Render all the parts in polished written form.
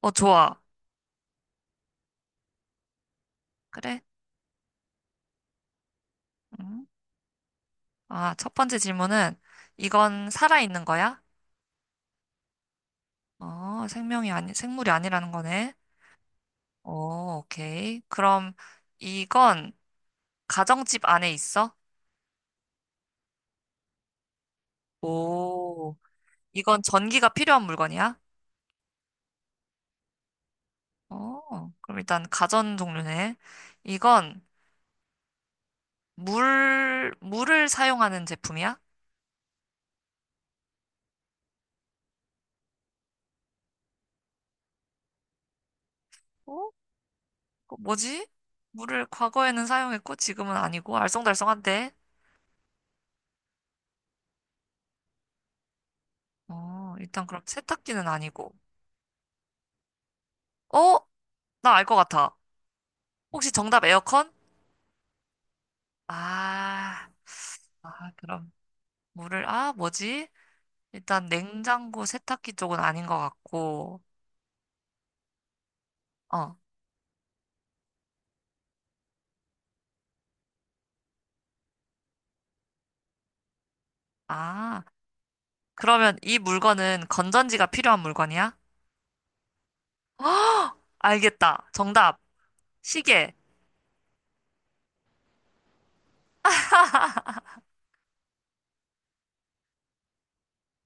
어, 좋아. 그래? 음. 아, 첫 번째 질문은 이건 살아있는 거야? 어, 생명이 아니, 생물이 아니라는 거네. 오, 오케이. 그럼 이건 가정집 안에 있어? 오, 이건 전기가 필요한 물건이야? 어, 그럼 일단 가전 종류네. 이건 물을 사용하는 제품이야? 어? 그거 뭐지? 물을 과거에는 사용했고 지금은 아니고 알쏭달쏭한데. 어, 일단 그럼 세탁기는 아니고. 어? 나 알 것 같아. 혹시 정답 에어컨? 아, 아, 그럼 물을, 아, 뭐지? 일단 냉장고, 세탁기 쪽은 아닌 것 같고, 어, 아, 그러면 이 물건은 건전지가 필요한 물건이야? 헉! 알겠다. 정답. 시계.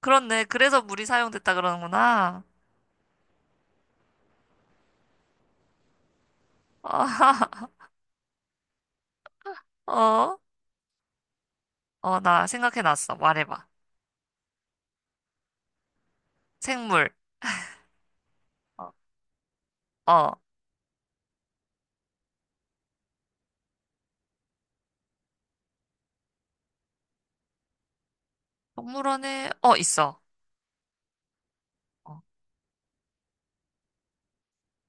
그렇네. 그래서 물이 사용됐다 그러는구나. 어, 어, 나 생각해놨어. 말해봐. 생물. 어, 어. 동물원에, 어, 있어. 어,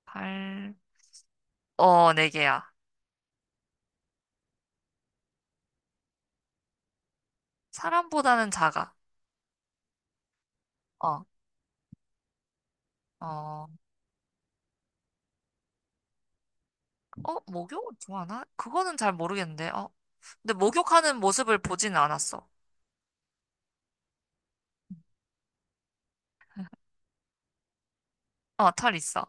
팔, 어, 4개야. 사람보다는 작아. 어, 어, 어, 목욕을 좋아하나? 그거는 잘 모르겠는데, 어. 근데 목욕하는 모습을 보진 않았어. 어, 털 있어.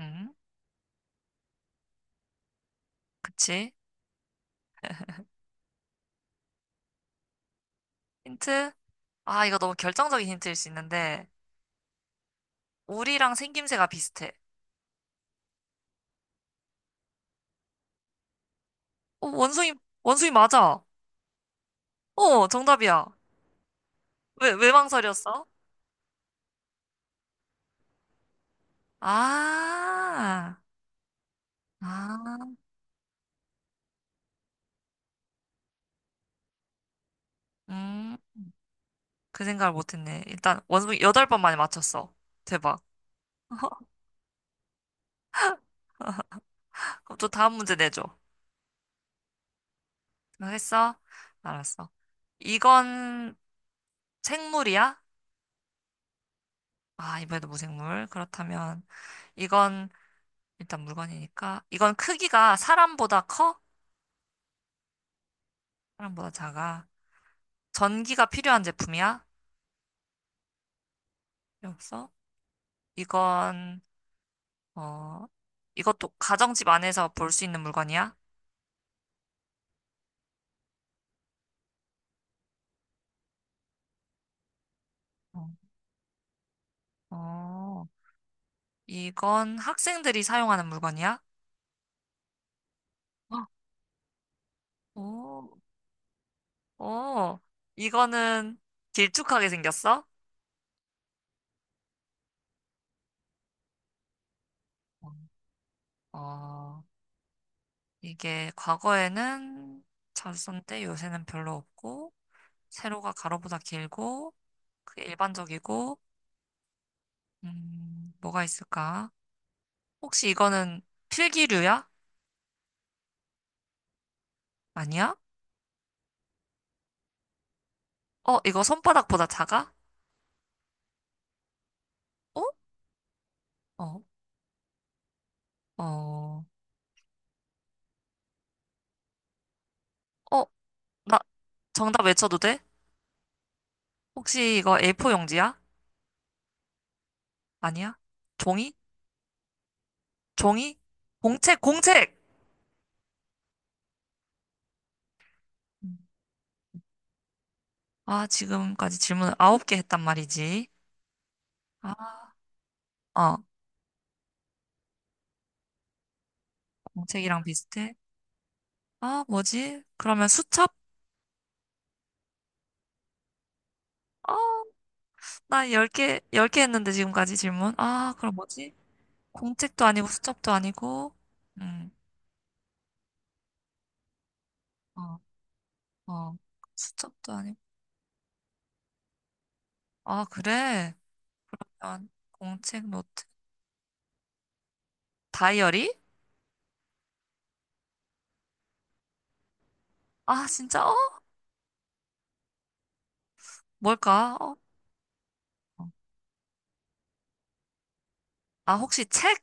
음, 그치. 힌트? 아, 이거 너무 결정적인 힌트일 수 있는데, 우리랑 생김새가 비슷해. 어, 원숭이, 원숭이 맞아. 어, 정답이야. 왜 망설였어? 아, 아, 음, 그 생각을 못했네. 일단, 원숭이 8번 만에 맞췄어. 대박. 그럼 또 다음 문제 내줘. 너 했어? 알았어. 이건 생물이야? 아, 이번에도 무생물. 그렇다면 이건 일단 물건이니까 이건 크기가 사람보다 커? 사람보다 작아. 전기가 필요한 제품이야? 필요 없어? 이건, 어, 이것도 가정집 안에서 볼 수 있는 물건이야? 어. 어. 이건 학생들이 사용하는 물건이야? 어. 오. 오. 이거는 길쭉하게 생겼어? 어. 어, 이게 과거에는 잘 썼는데 요새는 별로 없고, 세로가 가로보다 길고, 그게 일반적이고, 뭐가 있을까? 혹시 이거는 필기류야? 아니야? 어, 이거 손바닥보다 작아? 어? 어, 어, 어, 나 정답 외쳐도 돼? 혹시 이거 A4 용지야? 아니야? 종이? 종이? 공책, 공책! 음. 아, 지금까지 질문을 9개 했단 말이지. 아, 어, 공책이랑 비슷해? 아, 뭐지? 그러면 수첩? 아, 나 10개, 열 개 했는데 지금까지 질문. 아, 그럼 뭐지? 공책도 아니고 수첩도 아니고, 음, 어, 어, 수첩도 아니고. 아, 그래? 난 공책, 노트, 다이어리? 아, 진짜? 어? 뭘까? 어? 어. 아, 혹시 책?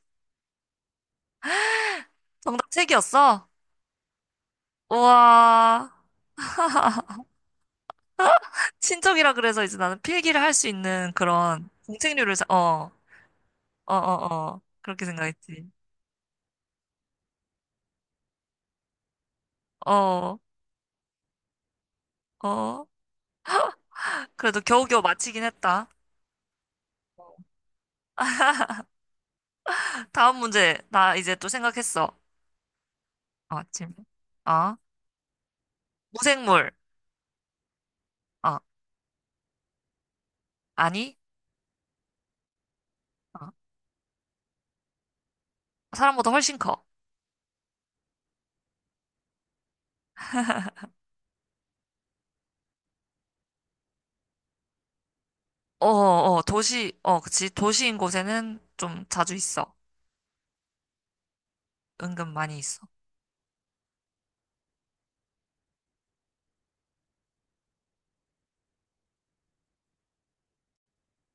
정답 책이었어? 우와. 친척이라 그래서 이제 나는 필기를 할 수 있는 그런 어, 어, 어, 어, 그렇게 생각했지. 어, 어. 그래도 겨우겨우 마치긴 했다. 다음 문제. 나 이제 또 생각했어. 어, 질문. 어, 무생물. 어, 아니. 어, 사람보다 훨씬 커. 어, 어, 어, 도시, 어, 그치. 도시인 곳에는 좀 자주 있어. 은근 많이 있어.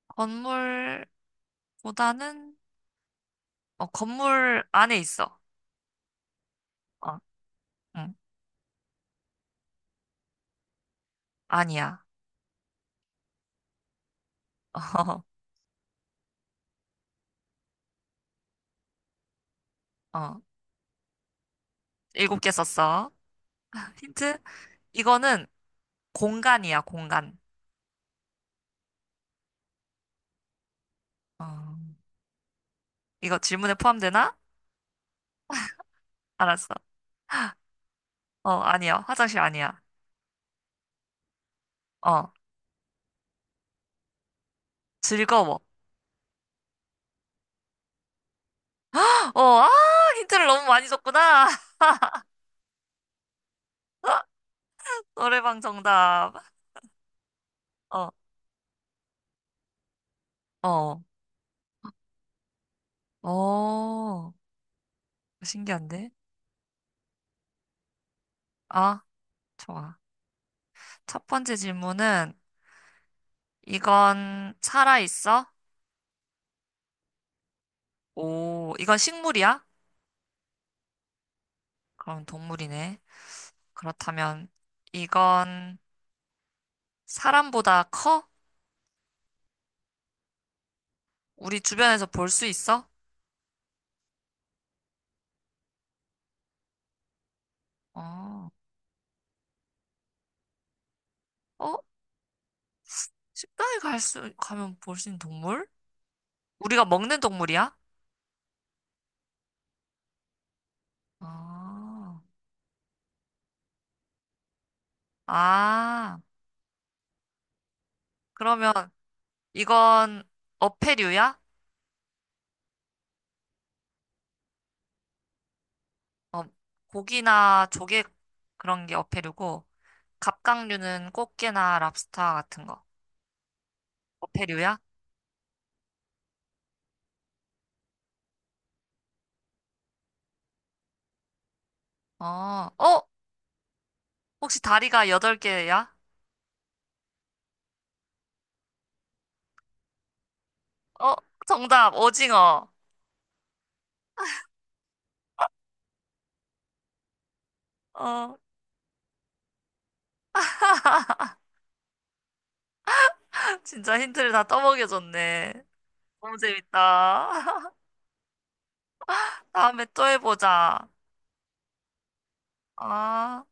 건물보다는, 어, 건물 안에 있어. 어, 응, 아니야. 어, 어, 7개 썼어. 힌트? 이거는 공간이야, 공간. 어, 이거 질문에 포함되나? 알았어. 어, 아니야. 화장실 아니야. 어, 즐거워. 어, 아, 힌트를 너무 많이 줬구나. 노래방 정답. 어, 어, 어, 신기한데? 아, 좋아. 첫 번째 질문은, 이건 살아있어? 오, 이건 식물이야? 그럼 동물이네. 그렇다면, 이건 사람보다 커? 우리 주변에서 볼 수 있어? 어, 어? 가면 볼 수 있는 동물? 우리가 먹는 동물이야? 아, 아, 그러면 이건 어패류야? 어, 고기나 조개 그런 게 어패류고, 갑각류는 꽃게나 랍스타 같은 거. 어패류야? 어, 어, 혹시 다리가 8개야? 어, 정답, 오징어. 어, 진짜 힌트를 다 떠먹여줬네. 너무 재밌다. 다음에 또 해보자. 아.